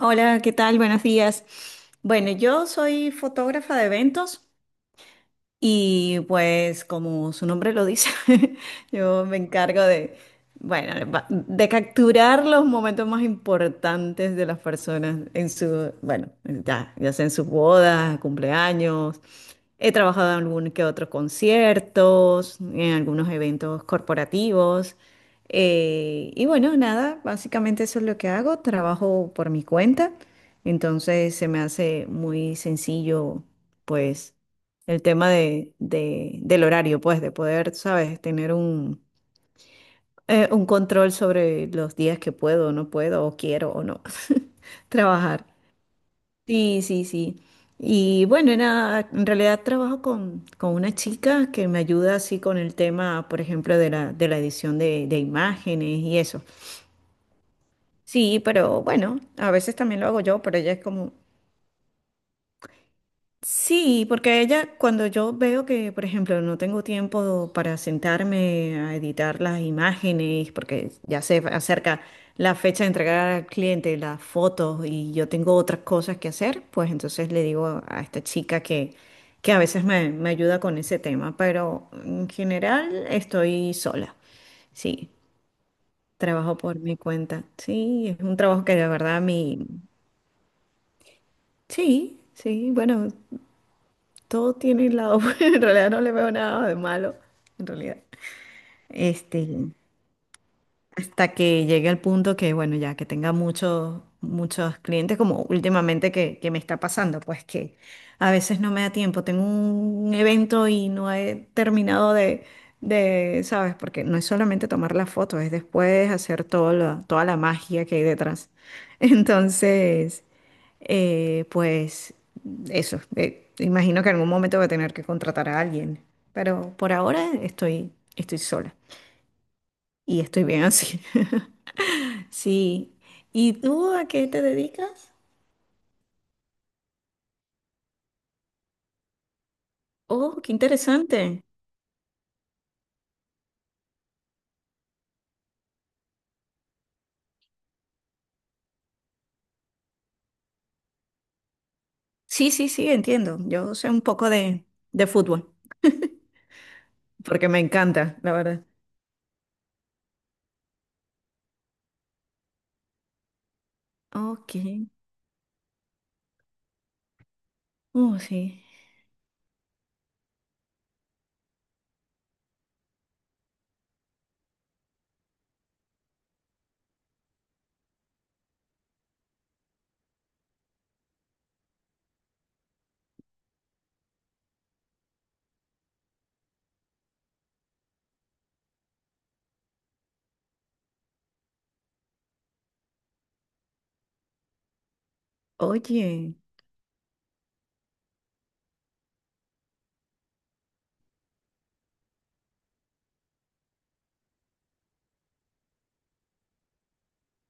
Hola, ¿qué tal? Buenos días. Bueno, yo soy fotógrafa de eventos. Y pues como su nombre lo dice, yo me encargo de, bueno, de capturar los momentos más importantes de las personas en su, bueno, ya sea en sus bodas, cumpleaños. He trabajado en algún que otros conciertos, en algunos eventos corporativos. Y bueno, nada, básicamente eso es lo que hago. Trabajo por mi cuenta, entonces se me hace muy sencillo, pues el tema del horario, pues, de poder, ¿sabes?, tener un control sobre los días que puedo o no puedo, o quiero o no trabajar. Sí, sí, sí. Y bueno, nada, en realidad trabajo con una chica que me ayuda así con el tema, por ejemplo, de la edición de imágenes y eso. Sí, pero bueno, a veces también lo hago yo, pero ella es como. Sí, porque ella, cuando yo veo que, por ejemplo, no tengo tiempo para sentarme a editar las imágenes, porque ya se acerca la fecha de entregar al cliente las fotos y yo tengo otras cosas que hacer, pues entonces le digo a esta chica que a veces me ayuda con ese tema, pero en general estoy sola. Sí, trabajo por mi cuenta. Sí, es un trabajo que de verdad. Sí, sí, bueno. Todo tiene el lado bueno. En realidad no le veo nada de malo, en realidad. Este, hasta que llegue al punto que, bueno, ya que tenga muchos, muchos clientes, como últimamente que me está pasando, pues que a veces no me da tiempo, tengo un evento y no he terminado ¿sabes? Porque no es solamente tomar la foto, es después hacer todo lo- toda la magia que hay detrás. Entonces, pues eso, imagino que en algún momento voy a tener que contratar a alguien, pero por ahora estoy sola y estoy bien así. Sí. ¿Y tú a qué te dedicas? Oh, qué interesante. Sí, sí, sí, entiendo. Yo sé un poco de fútbol, porque me encanta, la verdad. Ok. Oh, sí. Oye,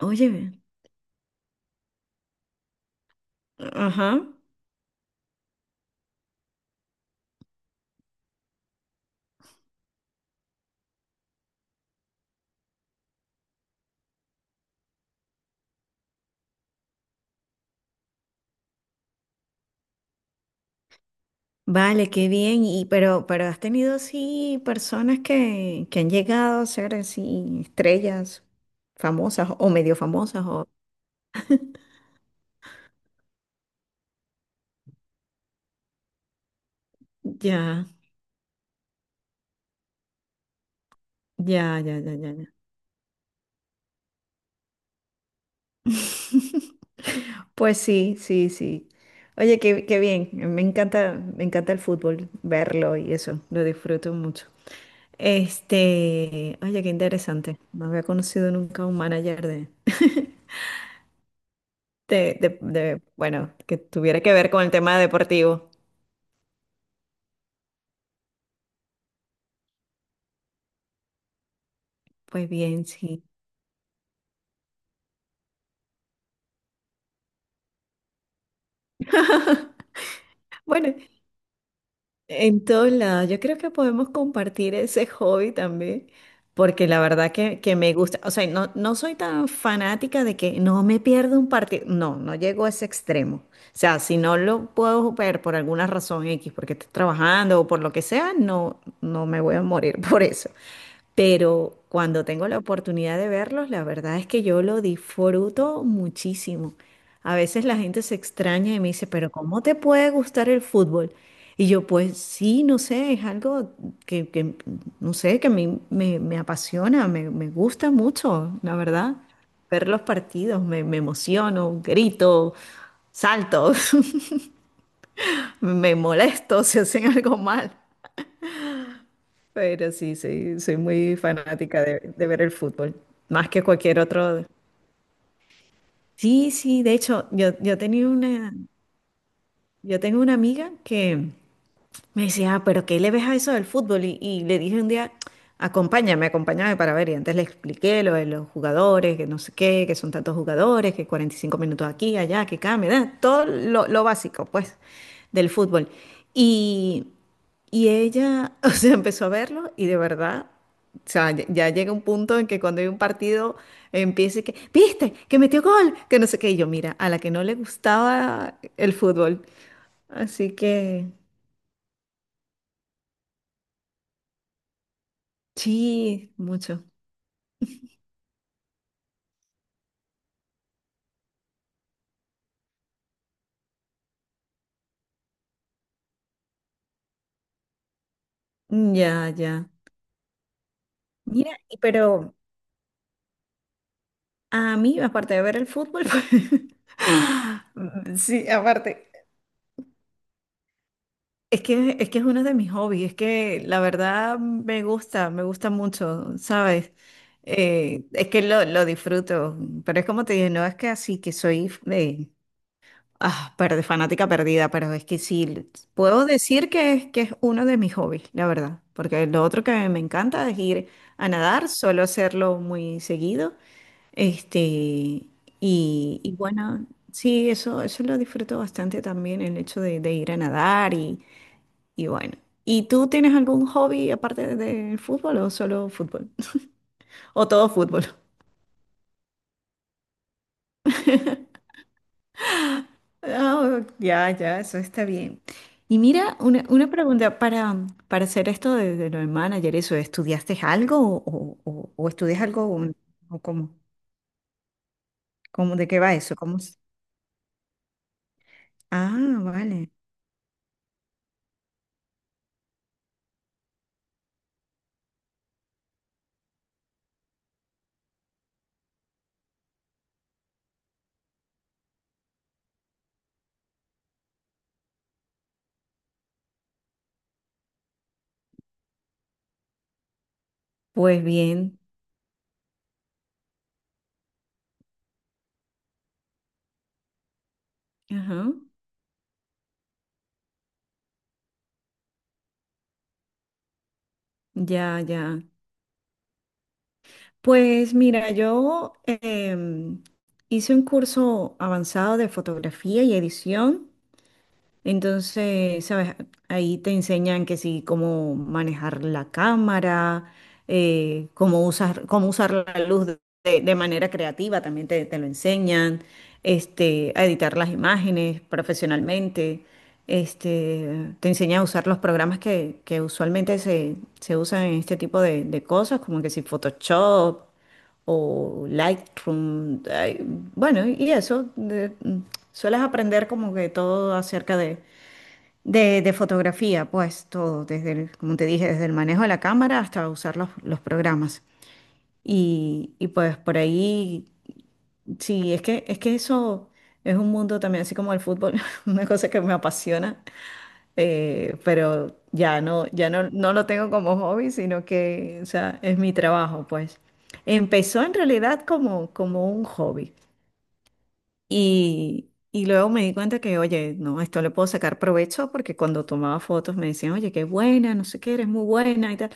oye. Ajá. Vale, qué bien. Y pero has tenido así personas que han llegado a ser así estrellas famosas o medio famosas o ya, ya, ya, ya, ya. Ya. Pues sí, sí, sí. Oye, qué bien. Me encanta el fútbol, verlo y eso. Lo disfruto mucho. Este, oye, qué interesante. No había conocido nunca un manager de, bueno, que tuviera que ver con el tema deportivo. Pues bien, sí. Bueno, en todos lados, yo creo que podemos compartir ese hobby también, porque la verdad que me gusta, o sea, no, no soy tan fanática de que no me pierdo un partido, no, no llego a ese extremo, o sea, si no lo puedo ver por alguna razón X, porque estoy trabajando o por lo que sea, no, no me voy a morir por eso, pero cuando tengo la oportunidad de verlos, la verdad es que yo lo disfruto muchísimo. A veces la gente se extraña y me dice, pero ¿cómo te puede gustar el fútbol? Y yo, pues sí, no sé, es algo que, no sé, que a mí me apasiona, me gusta mucho, la verdad. Ver los partidos, me emociono, grito, salto, me molesto si hacen algo mal. Pero sí, sí, soy muy fanática de ver el fútbol, más que cualquier otro. Sí, sí, de hecho, yo tengo una amiga que me decía, ah, pero ¿qué le ves a eso del fútbol? Y le dije un día, acompáñame, acompáñame para ver. Y antes le expliqué lo de los jugadores, que no sé qué, que son tantos jugadores, que 45 minutos aquí, allá, que cambia, da, todo lo básico, pues, del fútbol. Y, y ella, o sea, empezó a verlo y de verdad, o sea, ya, ya llega un punto en que cuando hay un partido empieza y que, ¿viste? Que metió gol, que no sé qué. Y yo, mira, a la que no le gustaba el fútbol. Así que. Sí, mucho. Mm. Ya, ya. Mira, y pero a mí, aparte de ver el fútbol, pues. Mm. Sí, aparte. Es que es uno de mis hobbies, es que la verdad me gusta mucho, ¿sabes? Es que lo disfruto, pero es como te digo no es que así que soy fanática perdida, pero es que sí, puedo decir que es uno de mis hobbies, la verdad, porque lo otro que me encanta es ir a nadar, suelo hacerlo muy seguido. Este, y bueno, sí, eso lo disfruto bastante también, el hecho de ir a nadar y bueno. ¿Y tú tienes algún hobby aparte del fútbol o solo fútbol? ¿O todo fútbol? Ah, ya, ya, eso está bien. Y mira, una pregunta para hacer esto de lo de manager, eso, ¿estudiaste algo o estudias algo o cómo, de qué va eso? ¿Cómo es? Ah, vale. Pues bien. Ajá. Ya, ya. Pues mira, yo hice un curso avanzado de fotografía y edición, entonces, ¿sabes? Ahí te enseñan que sí, cómo manejar la cámara, cómo usar la luz de manera creativa, también te lo enseñan, este, a editar las imágenes profesionalmente, este, te enseñan a usar los programas que usualmente se usan en este tipo de cosas, como que si Photoshop o Lightroom. Ay, bueno, y eso, sueles aprender como que todo acerca de fotografía, pues todo, como te dije, desde el manejo de la cámara hasta usar los programas. Y pues por ahí, sí, es que, eso es un mundo también, así como el fútbol, una cosa que me apasiona pero ya no, ya no, no lo tengo como hobby, sino que, o sea, es mi trabajo, pues. Empezó en realidad como un hobby y luego me di cuenta que, oye, no, esto le puedo sacar provecho porque cuando tomaba fotos me decían, oye, qué buena, no sé qué, eres muy buena y tal.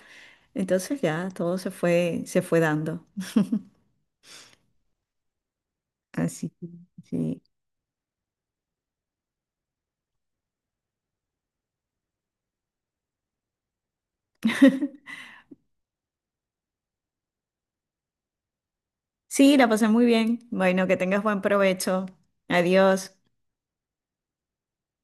Entonces ya todo se fue, dando. Así que, sí. Sí, la pasé muy bien. Bueno, que tengas buen provecho. Adiós.